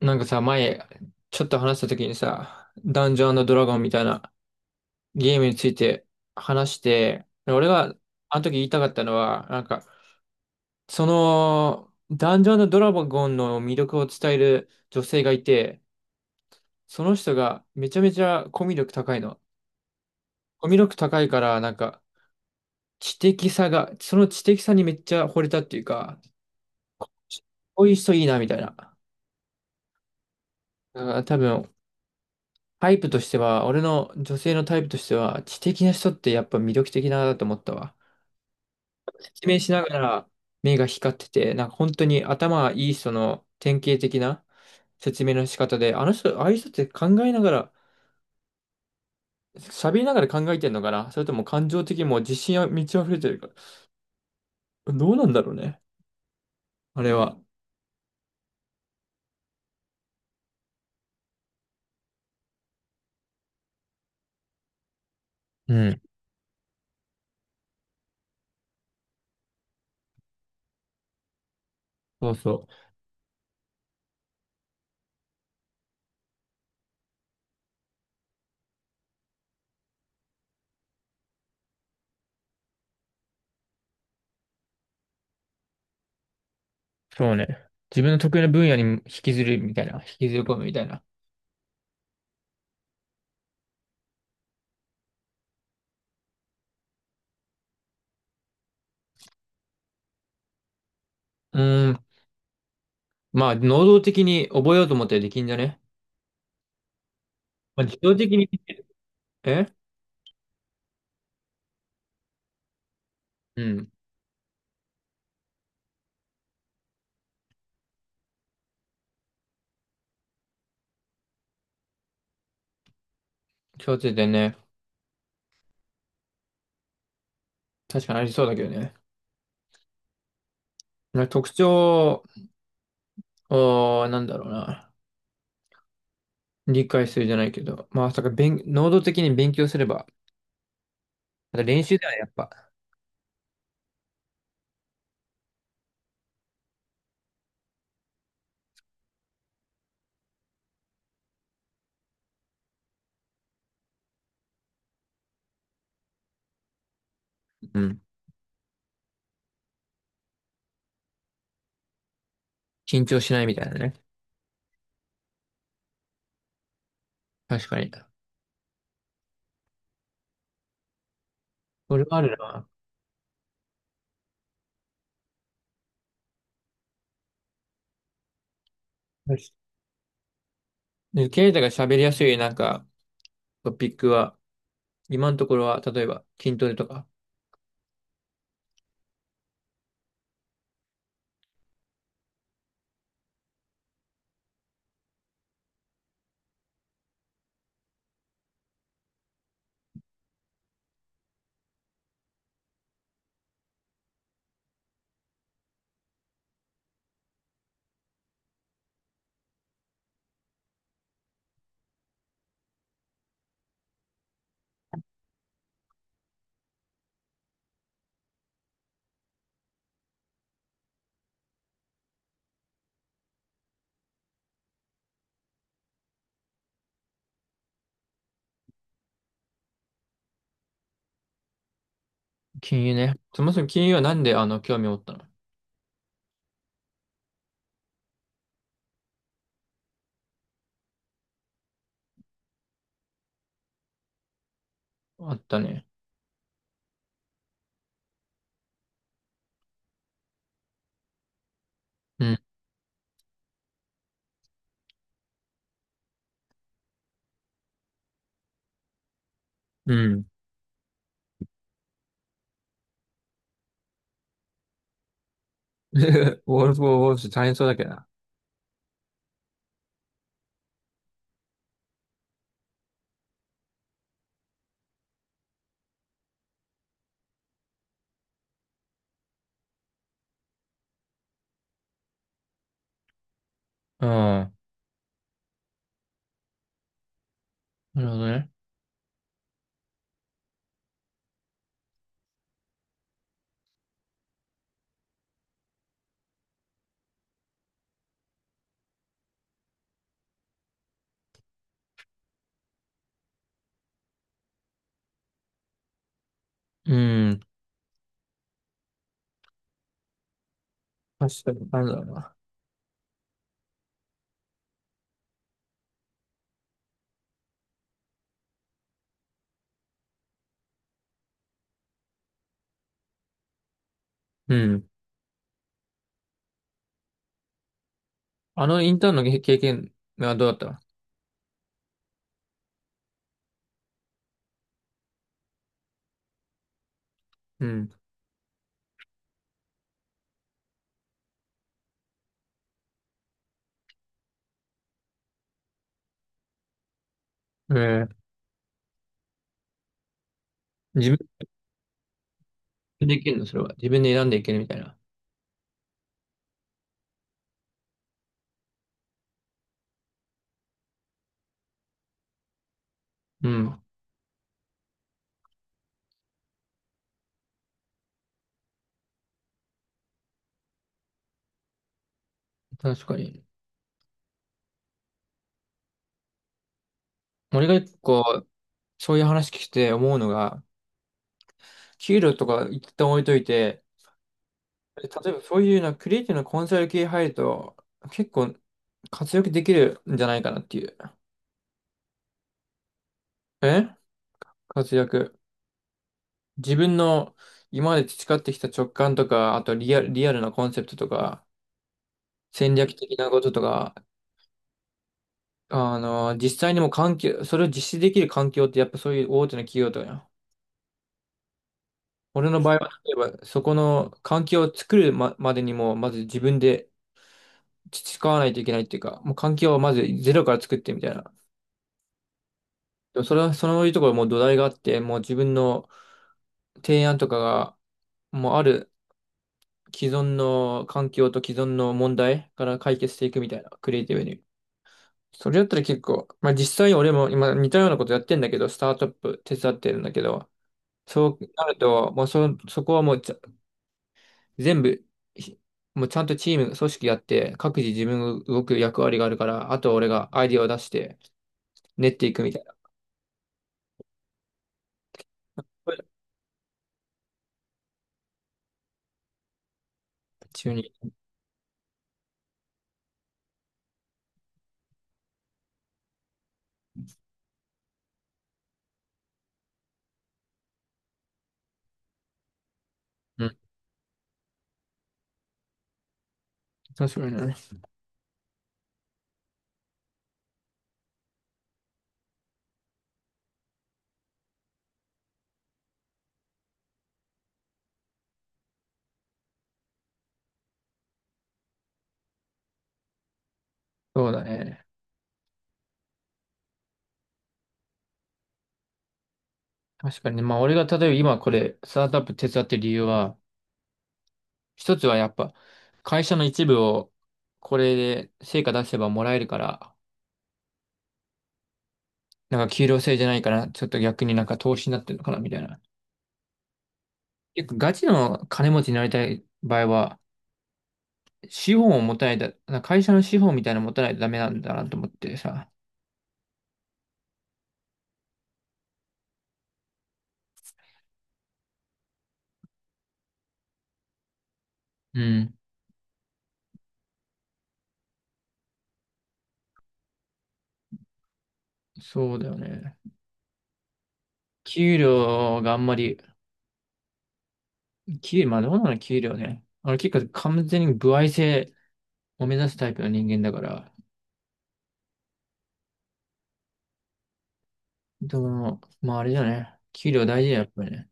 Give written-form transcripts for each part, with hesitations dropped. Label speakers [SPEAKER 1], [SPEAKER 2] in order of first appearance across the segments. [SPEAKER 1] なんかさ、前、ちょっと話した時にさ、ダンジョンドラゴンみたいなゲームについて話して、俺があの時言いたかったのは、なんか、その、ダンジョンドラゴンの魅力を伝える女性がいて、その人がめちゃめちゃコミュ力高いの。コミュ力高いから、なんか、知的さが、その知的さにめっちゃ惚れたっていうか、こういう人いいな、みたいな。だから多分、タイプとしては、俺の女性のタイプとしては、知的な人ってやっぱ魅力的だなと思ったわ。説明しながら目が光ってて、なんか本当に頭がいい人の典型的な説明の仕方で、あの人、ああいう人って考えながら、喋りながら考えてんのかな、それとも感情的にもう自信が満ち溢れてるから。どうなんだろうね。あれは。うん。そうそう。そうね。自分の得意な分野に引きずるみたいな。引きずり込むみたいな。うーん。まあ、能動的に覚えようと思ったらできんじゃね。まあ、自動的に。えうん。共通点ね。確かにありそうだけどね。なんか特徴を、なんだろうな。理解するじゃないけど、まあ、まさか勉、能動的に勉強すれば、あと練習ではやっぱ。うん。緊張しないみたいなね。確かに。これはあるな。で、ケイタが喋りやすいなんかトピックは、今のところは、例えば筋トレとか。金融ね。そもそも金融はなんであの興味を持ったの？あったね。うん。うん。ウォールフ・オブ・ウォールスト大変そうだけどな。ああ、なるほどね。うん。確かに、なんだろうな。うん。あのインターンの経験はどうだった？うん。えー自分でいけるのそれは？自分で選んでいけるみたいな。うん。確かに。俺が結構、そういう話聞いて思うのが、給料とか一旦置いといて、例えばそういうな、クリエイティブなコンサル系入ると、結構活躍できるんじゃないかなっていう。え活躍。自分の今まで培ってきた直感とか、あとリアルなコンセプトとか、戦略的なこととか、あの、実際にも環境、それを実施できる環境ってやっぱそういう大手の企業とかや。俺の場合は、例えばそこの環境を作るまでにも、まず自分で培わないといけないっていうか、もう環境をまずゼロから作ってみたいな。でもそれは、そういうところもう土台があって、もう自分の提案とかが、もうある既存の環境と既存の問題から解決していくみたいな、クリエイティブに。それだったら結構、まあ実際俺も今似たようなことやってんだけど、スタートアップ手伝ってるんだけど、そうなると、もうそ、そこはもうちゃ全部、ひもうちゃんとチーム、組織やって、各自自分が動く役割があるから、あとは俺がアイディアを出して、練っていくみたいな。中に。うん。確かにね。そうだね。確かにね。まあ俺が例えば今これ、スタートアップ手伝ってる理由は、一つはやっぱ、会社の一部をこれで成果出せばもらえるから、なんか給料制じゃないから、ちょっと逆になんか投資になってるのかなみたいな。結構ガチの金持ちになりたい場合は、資本を持たないと、なんか会社の資本みたいなの持たないとダメなんだなと思ってさ。うん。そうだよね。給料があんまり、まあどうなの給料ね。俺結構完全に歩合制を目指すタイプの人間だから。でも、まああれだよね。給料大事だよ、やっぱりね。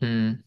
[SPEAKER 1] うん。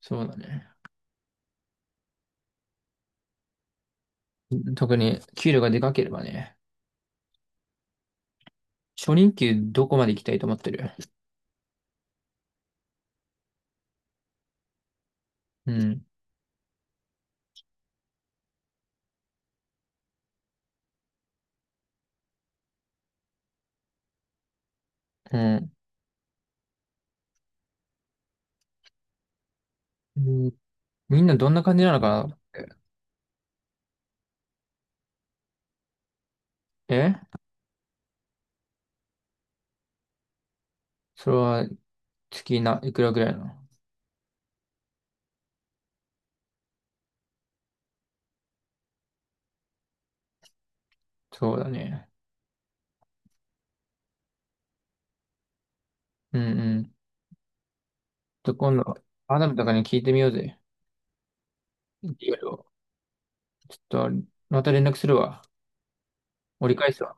[SPEAKER 1] そうだね。特に給料がでかければね。初任給どこまで行きたいと思ってる？うん。うん。うん、みんなどんな感じなのかなって。えそれは月ないくらぐらいなの？そうだね。うんうん。ちょっと今度、アダムとかに聞いてみようぜ。いろいろ。ちょっと、また連絡するわ。折り返すわ。